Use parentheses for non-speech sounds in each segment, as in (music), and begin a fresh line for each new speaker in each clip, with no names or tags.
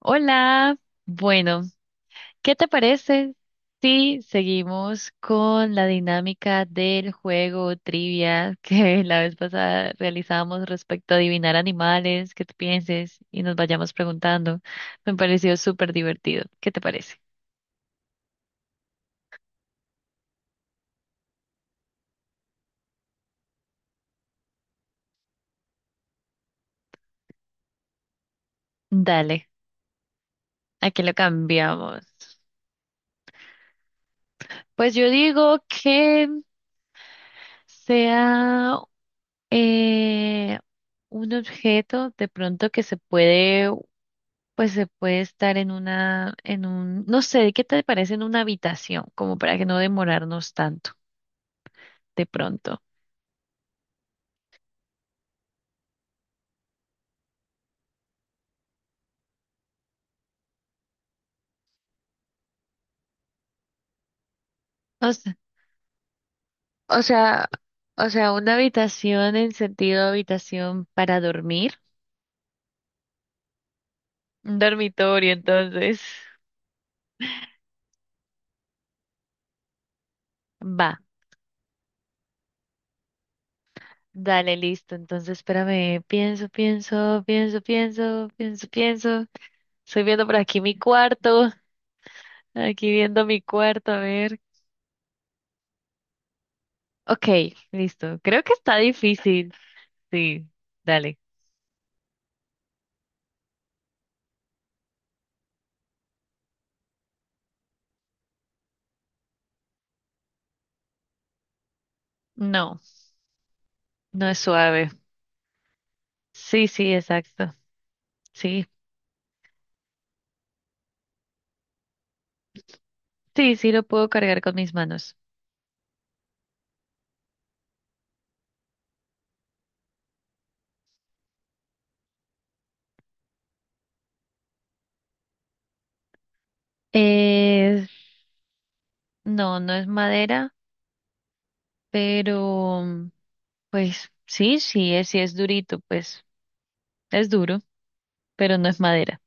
Hola, bueno, ¿qué te parece si seguimos con la dinámica del juego trivia que (laughs) la vez pasada realizamos respecto a adivinar animales, que tú pienses y nos vayamos preguntando? Me pareció súper divertido. ¿Qué te parece? Dale, aquí lo cambiamos. Pues yo digo que sea eh, un objeto de pronto que se puede pues se puede estar en una, en un, no sé, ¿qué te parece en una habitación? Como para que no demorarnos tanto de pronto. O sea, o sea, o sea, una habitación en sentido habitación para dormir. Un dormitorio, entonces. Va, dale, listo. Entonces, espérame, pienso, pienso, pienso, pienso, pienso, pienso. Estoy viendo por aquí mi cuarto, aquí viendo mi cuarto, a ver. Ok, listo. Creo que está difícil. Sí, dale. No. No es suave. Sí, sí, exacto. Sí, sí, sí lo puedo cargar con mis manos. Eh, no, no es madera, pero pues sí, sí es durito, pues es duro, pero no es madera.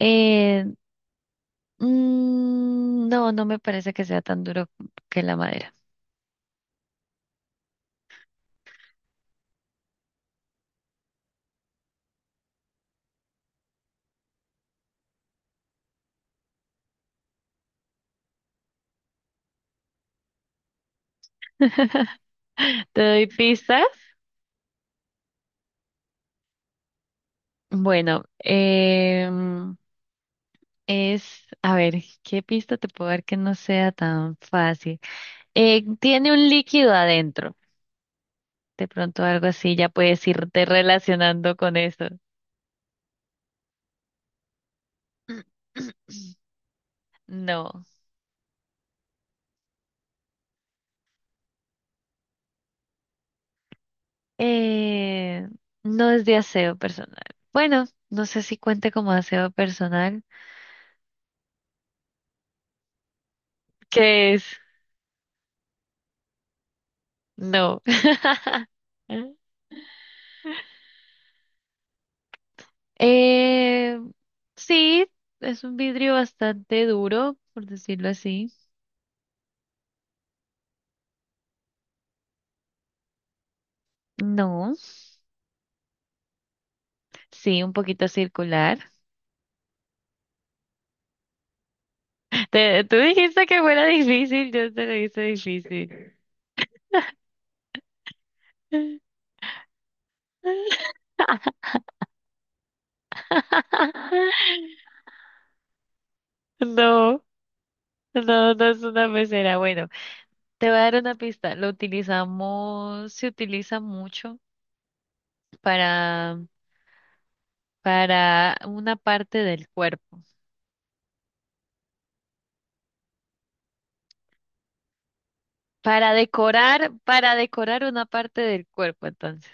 Eh, no, no me parece que sea tan duro que la madera. (laughs) ¿Te doy pistas? Bueno, es, a ver, ¿qué pista te puedo dar que no sea tan fácil? Tiene un líquido adentro. De pronto algo así ya puedes irte relacionando con eso. (clears throat) No. Eh, no es de aseo personal. Bueno, no sé si cuente como aseo personal. ¿Qué es? No. (laughs) Eh, sí, es un vidrio bastante duro, por decirlo así. No, sí, un poquito circular. (laughs) Tú dijiste que fuera difícil, yo te lo hice difícil. (laughs) (laughs) No, no, no es una pecera. Bueno, te voy a dar una pista. Lo utilizamos, se utiliza mucho para, para una parte del cuerpo. Para decorar una parte del cuerpo, entonces.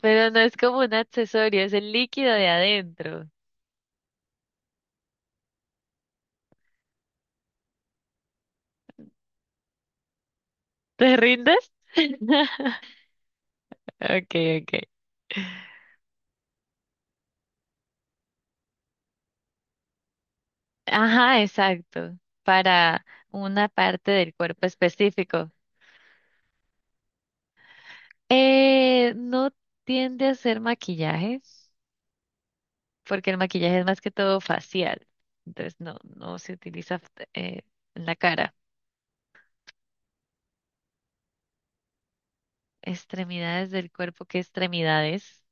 Pero no es como un accesorio, es el líquido de adentro. ¿Te rindes? (laughs) Okay, okay. Ajá, exacto. Para una parte del cuerpo específico. No tiende a hacer maquillaje, porque el maquillaje es más que todo facial. Entonces no, no se utiliza eh, en la cara. Extremidades del cuerpo, ¿qué extremidades?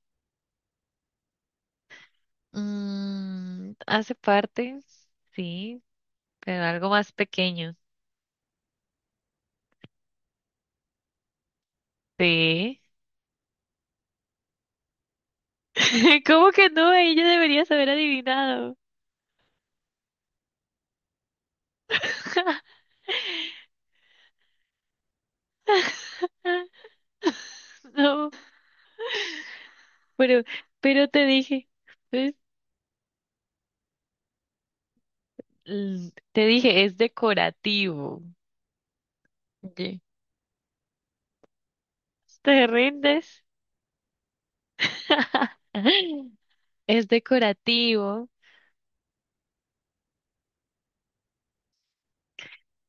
Mm, hace parte, sí, pero algo más pequeño. Sí. (laughs) ¿Cómo que no? Ella debería haber adivinado. (laughs) No, pero, pero te dije, pues, te dije, es decorativo. Ye- ¿Te rindes? (laughs) Es decorativo.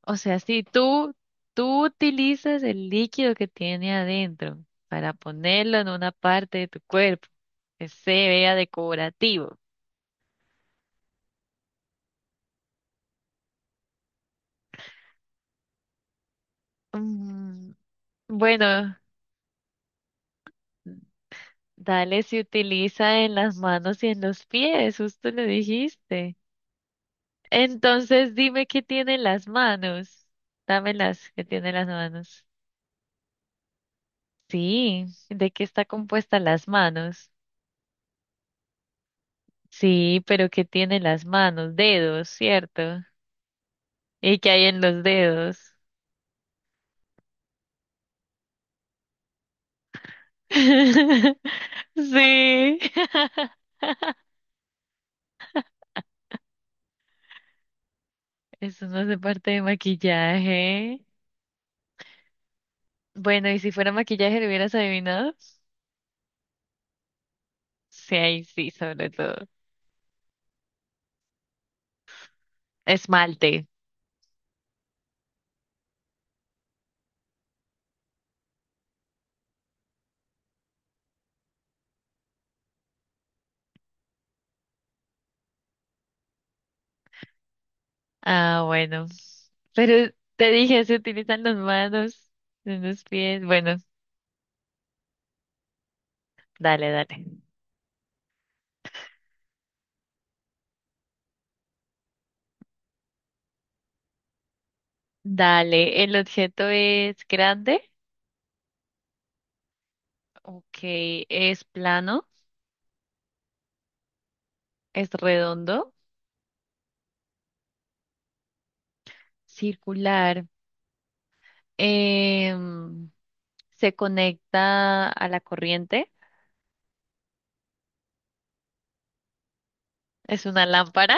O sea, si tú, tú utilizas el líquido que tiene adentro para ponerlo en una parte de tu cuerpo, que se vea decorativo. Mm, Bueno, dale si utiliza en las manos y en los pies, justo lo dijiste. Entonces dime qué tiene en las manos. Dámelas, qué tiene en las manos. Sí, ¿de qué está compuesta las manos? Sí, pero ¿qué tiene las manos? Dedos, ¿cierto? ¿Y qué hay en los dedos? (laughs) Sí. (laughs) Eso no hace parte de maquillaje. Bueno, ¿y si fuera maquillaje lo hubieras adivinado? Sí, ahí sí, sobre todo. Esmalte. Ah, bueno. Pero te dije, se utilizan las manos, en los pies. Bueno, dale, dale. Dale, ¿el objeto es grande? Ok, es plano, es redondo, circular, em, se conecta a la corriente, es una lámpara,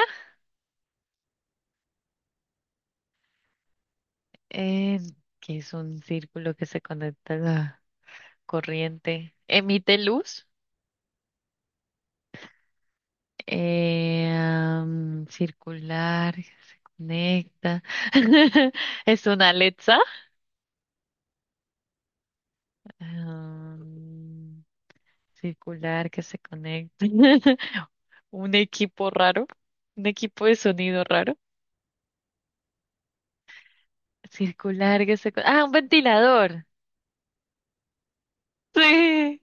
em, que es un círculo que se conecta a la corriente, emite luz, circular, se conecta, (laughs) es una Alexa, am, circular que se conecta. (laughs) Un equipo raro, un equipo de sonido raro, circular que se... Ah, un ventilador. Sí.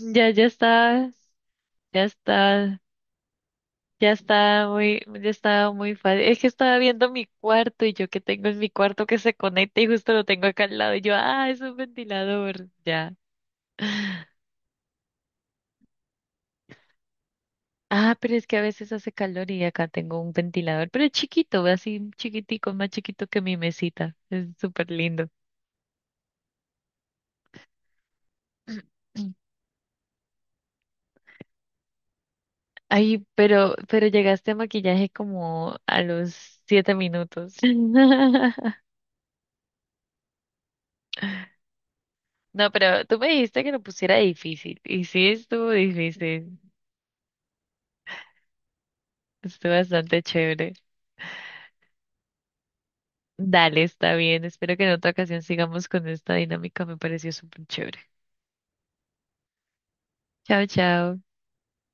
Ya, ya está, ya está, ya está muy fácil. Es que estaba viendo mi cuarto y yo que tengo en mi cuarto que se conecta y justo lo tengo acá al lado y yo, ah, es un ventilador, ya. Ah, pero es que a veces hace calor y acá tengo un ventilador, pero es chiquito, así chiquitico, más chiquito que mi mesita. Es súper lindo. (clears throat) Ay, pero llegaste a maquillaje como a los 7 minutos. (laughs) No, pero tú me dijiste que lo pusiera difícil. Y sí estuvo difícil. Estuvo bastante chévere. Dale, está bien. Espero que en otra ocasión sigamos con esta dinámica. Me pareció súper chévere. Chao, chao.